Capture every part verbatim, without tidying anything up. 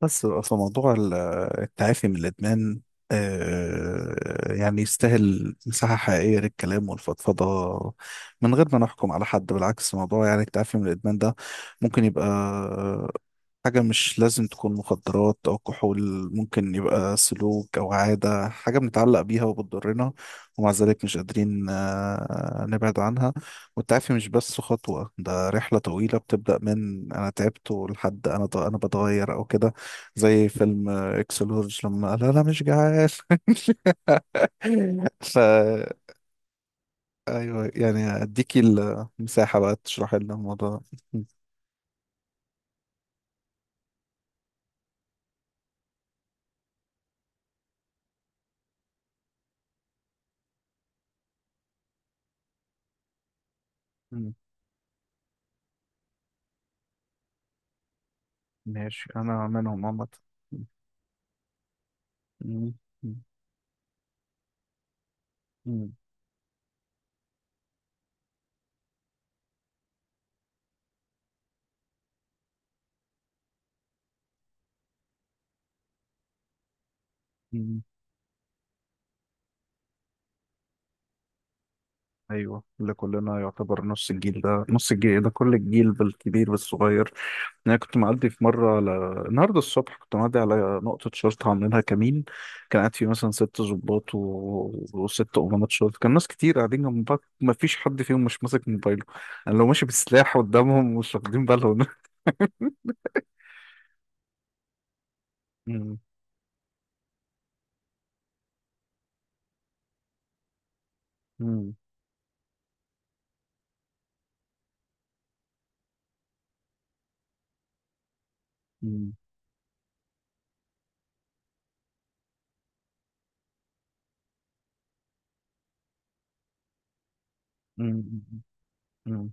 بس في موضوع ال- التعافي من الإدمان، آه، يعني يستاهل مساحة حقيقية للكلام والفضفضة، من غير ما نحكم على حد. بالعكس، موضوع يعني التعافي من الإدمان ده ممكن يبقى حاجة، مش لازم تكون مخدرات أو كحول، ممكن يبقى سلوك أو عادة، حاجة بنتعلق بيها وبتضرنا، ومع ذلك مش قادرين آه، نبعد عنها. والتعافي مش بس خطوة، ده رحلة طويلة بتبدأ من أنا تعبت لحد أنا أنا بتغير أو كده. زي فيلم اكسلورج لما قال انا مش جعان. فا ايوه، يعني اديكي المساحة بقى تشرحي لنا الموضوع. مم. ماشي، انا منهم عامة. مم. مم. مم. ايوه، اللي كلنا يعتبر نص الجيل ده، نص الجيل ده، كل الجيل بالكبير بالصغير. انا كنت معدي في مره ل... النهارده الصبح كنت معدي على نقطه شرطه عاملينها كمين، كان قاعد فيه مثلا ست ضباط و... وست امناء شرطه، كان ناس كتير قاعدين جنب بعض، ما فيش حد فيهم مش ماسك موبايله. انا لو ماشي بسلاح قدامهم مش واخدين بالهم. مم. مم. مم. مم. مم.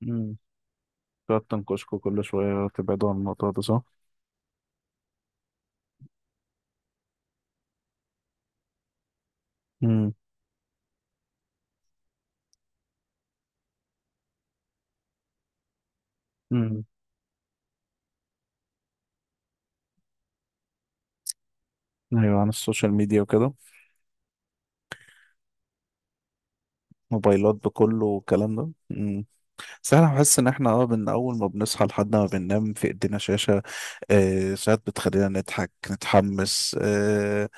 مم. تقعد تنكشكوا كل شويه تبعدوا عن الموضوع ده، صح؟ مم. مم. ايوه، عن السوشيال ميديا وكده. موبايلات بكله والكلام ده. بس انا بحس ان احنا، اه من اول ما بنصحى لحد ما بننام في ايدينا شاشة. آه ساعات بتخلينا نضحك، نتحمس، آه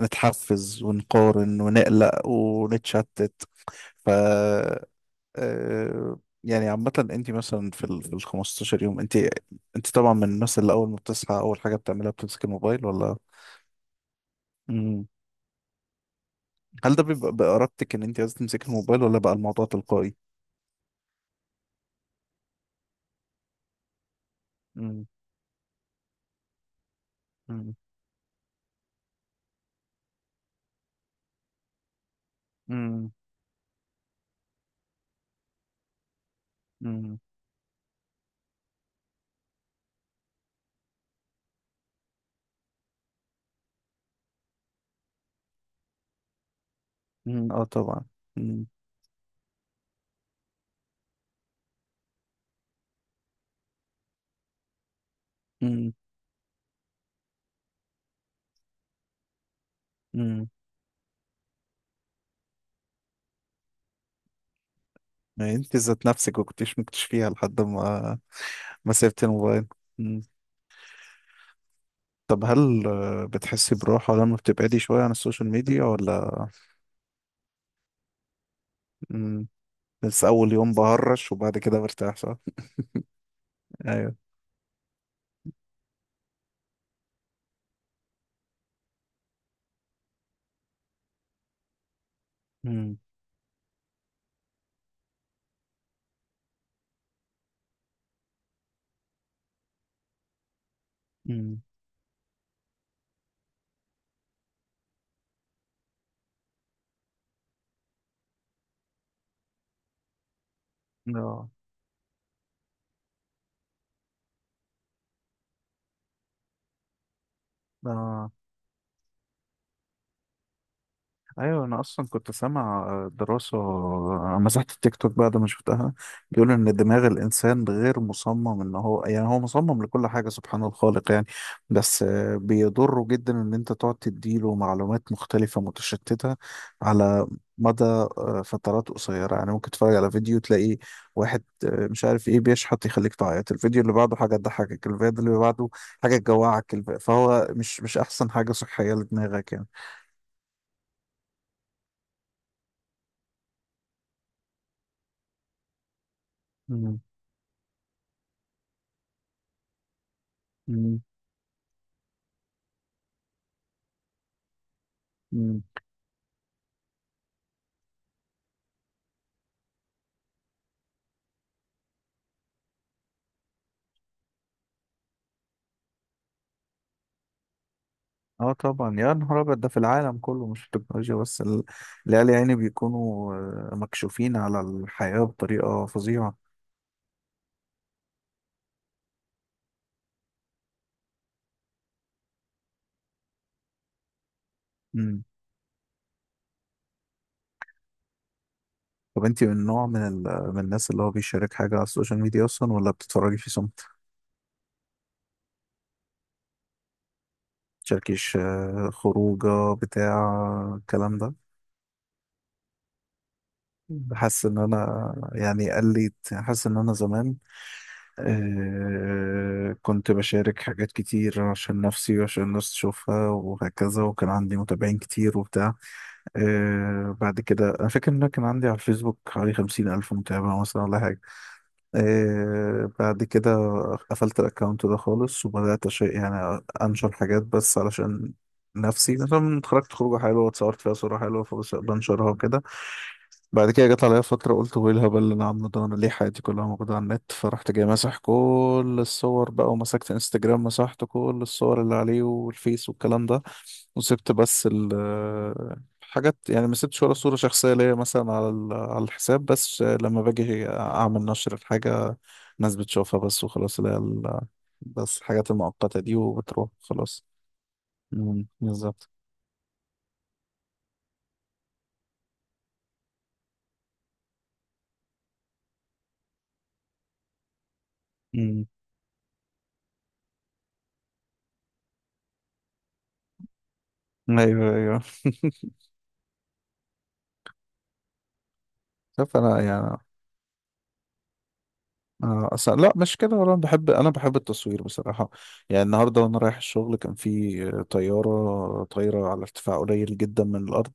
نتحفز ونقارن ونقلق ونتشتت. ف آه يعني عامة انت مثلا في ال في ال 15 يوم، انت انت طبعا من الناس اللي اول ما بتصحى اول حاجة بتعملها بتمسك الموبايل، ولا؟ مم. هل ده بيبقى بإرادتك ان انت عايز تمسك الموبايل، ولا بقى الموضوع تلقائي؟ مم. مم. مم. مم. مم. اه، طبعا. مم. امم. يعني انت ذات نفسك ما كنتيش مكتشفيها لحد ما ما سبت الموبايل. مم. طب هل آه، بتحسي براحة لما بتبعدي شوية عن السوشيال ميديا، ولا؟ مم. بس أول يوم بهرش وبعد كده برتاح، صح؟ أيوه. امم. امم. اه. آه. ايوه، انا اصلا كنت سامع دراسه، مسحت التيك توك بعد ما شفتها، بيقول ان دماغ الانسان غير مصمم ان هو، يعني هو مصمم لكل حاجه، سبحان الخالق يعني، بس آه، بيضره جدا ان انت تقعد تديله معلومات مختلفه متشتته على مدى آه، فترات قصيره. يعني ممكن تتفرج على فيديو تلاقي واحد آه، مش عارف ايه بيشحت يخليك تعيط، الفيديو اللي بعده حاجه تضحكك، الفيديو اللي بعده حاجه تجوعك، الف- فهو مش مش احسن حاجه صحيه لدماغك، يعني. مم. مم. اه طبعا، يا نهار ابيض، ده في العالم كله مش في التكنولوجيا بس. ال- العيال يعني بيكونوا آه، مكشوفين على الحياة بطريقة فظيعة. مم. طب انتي من نوع من ال... من الناس اللي هو بيشارك حاجة على السوشيال ميديا اصلا، ولا بتتفرجي في صمت؟ تشاركيش آه، خروجة بتاع الكلام ده؟ حاسس ان انا، يعني قلت حاسس ان انا زمان آه كنت بشارك حاجات كتير عشان نفسي وعشان الناس تشوفها وهكذا، وكان عندي متابعين كتير وبتاع. آه بعد كده أنا فاكر إن أنا كان عندي على الفيسبوك حوالي خمسين ألف متابع مثلا ولا حاجة. آه بعد كده قفلت الأكونت ده خالص، وبدأت أش- يعني أنشر حاجات بس علشان نفسي، مثلا اتخرجت خروجة حلوة اتصورت فيها صورة حلوة فبنشرها وكده. بعد كده جت عليا فترة قلت، هو ايه الهبل اللي انا عامله ده؟ انا ليه حياتي كلها موجودة على النت؟ فرحت جاي ماسح كل الصور بقى، ومسكت انستجرام مسحت كل الصور اللي عليه والفيس والكلام ده، وسبت بس ال حاجات، يعني ما سبتش ولا صورة شخصية ليا مثلا على ال- على الحساب، بس لما باجي اعمل نشر الحاجة الناس بتشوفها بس وخلاص، اللي هي ال- بس الحاجات المؤقتة دي، وبتروح خلاص. مم، بالظبط. مم. ايوه، ايوه. شوف انا يعني، آه، أصلا لا مش كده، ولا أنا بحب، أنا بحب التصوير بصراحة. يعني النهاردة وأنا رايح الشغل كان في آه، طيارة طايرة على ارتفاع قليل جدا من الأرض،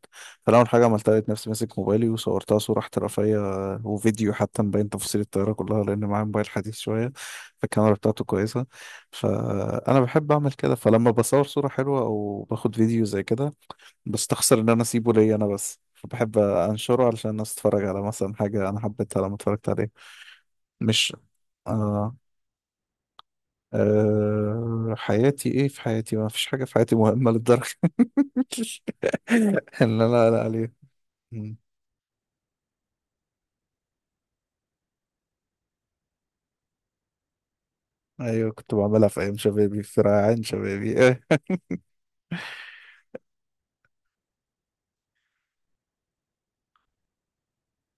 فأنا أول حاجة عملتها لقيت نفسي ماسك موبايلي وصورتها صورة احترافية، آه، وفيديو حتى مبين تفاصيل الطيارة كلها، لأن معايا موبايل حديث شوية فالكاميرا بتاعته كويسة. فأنا بحب أعمل كده، فلما بصور صورة حلوة أو باخد فيديو زي كده، بستخسر إن أنا أسيبه ليا أنا بس، فبحب أنشره علشان الناس تتفرج على مثلا حاجة أنا حبيتها لما اتفرجت عليها. مش آه، أه، حياتي ايه؟ في حياتي ما فيش حاجة في حياتي مهمة للدرجة. اللي انا قلق عليها. مم. ايوه، كنت بعملها في ايام شبابي، في ريعان شبابي. أه.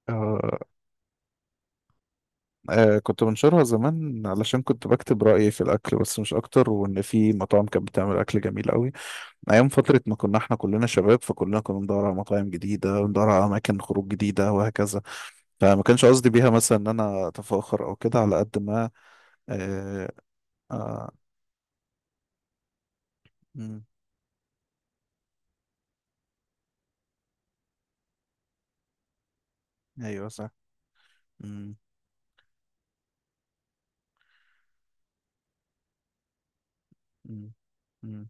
آه، آه، كنت بنشرها زمان علشان كنت بكتب رأيي في الأكل بس مش أكتر، وإن في مطاعم كانت بتعمل أكل جميل قوي، أيام فترة ما كنا إحنا كلنا شباب، فكلنا كنا بندور على مطاعم جديدة وندور على أماكن خروج جديدة وهكذا، فما كانش قصدي بيها مثلا إن أنا أتفاخر أو كده، على قد ما. آه. آه. مم، أيوه، صح. مم. مم. مم.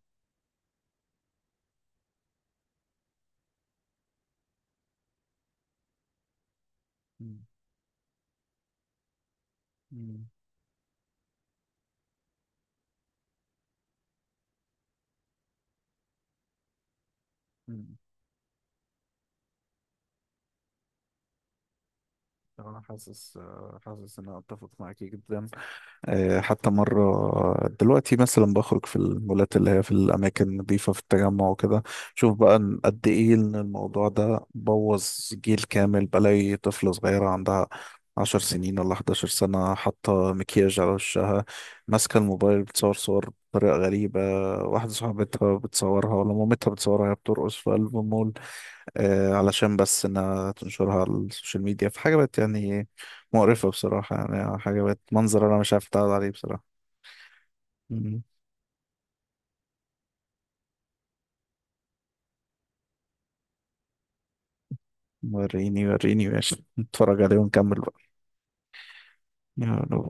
مم. مم. مم. أنا حاسس، آه، حاسس إن أنا أتفق معاكي جدا. آه، حتى مرة، آه، دلوقتي مثلا بخرج في المولات اللي هي في الأماكن النظيفة في التجمع وكده، شوف بقى إن قد إيه إن الموضوع ده بوظ جيل كامل. بلاقي طفلة صغيرة عندها عشر سنين ولا 11 سنة حاطة مكياج على وشها، ماسكة الموبايل بتصور صور بطريقة غريبة، واحدة صاحبتها بتصورها ولا مامتها بتصورها وهي بترقص في قلب المول، آه، علشان بس انها تنشرها على السوشيال ميديا. في حاجة بقت يعني مقرفة بصراحة، يعني حاجة بقت منظر انا مش عارف اتعرض عليه بصراحة. مم. وريني وريني، ماشي، نتفرج عليه ونكمل بقى. يلا.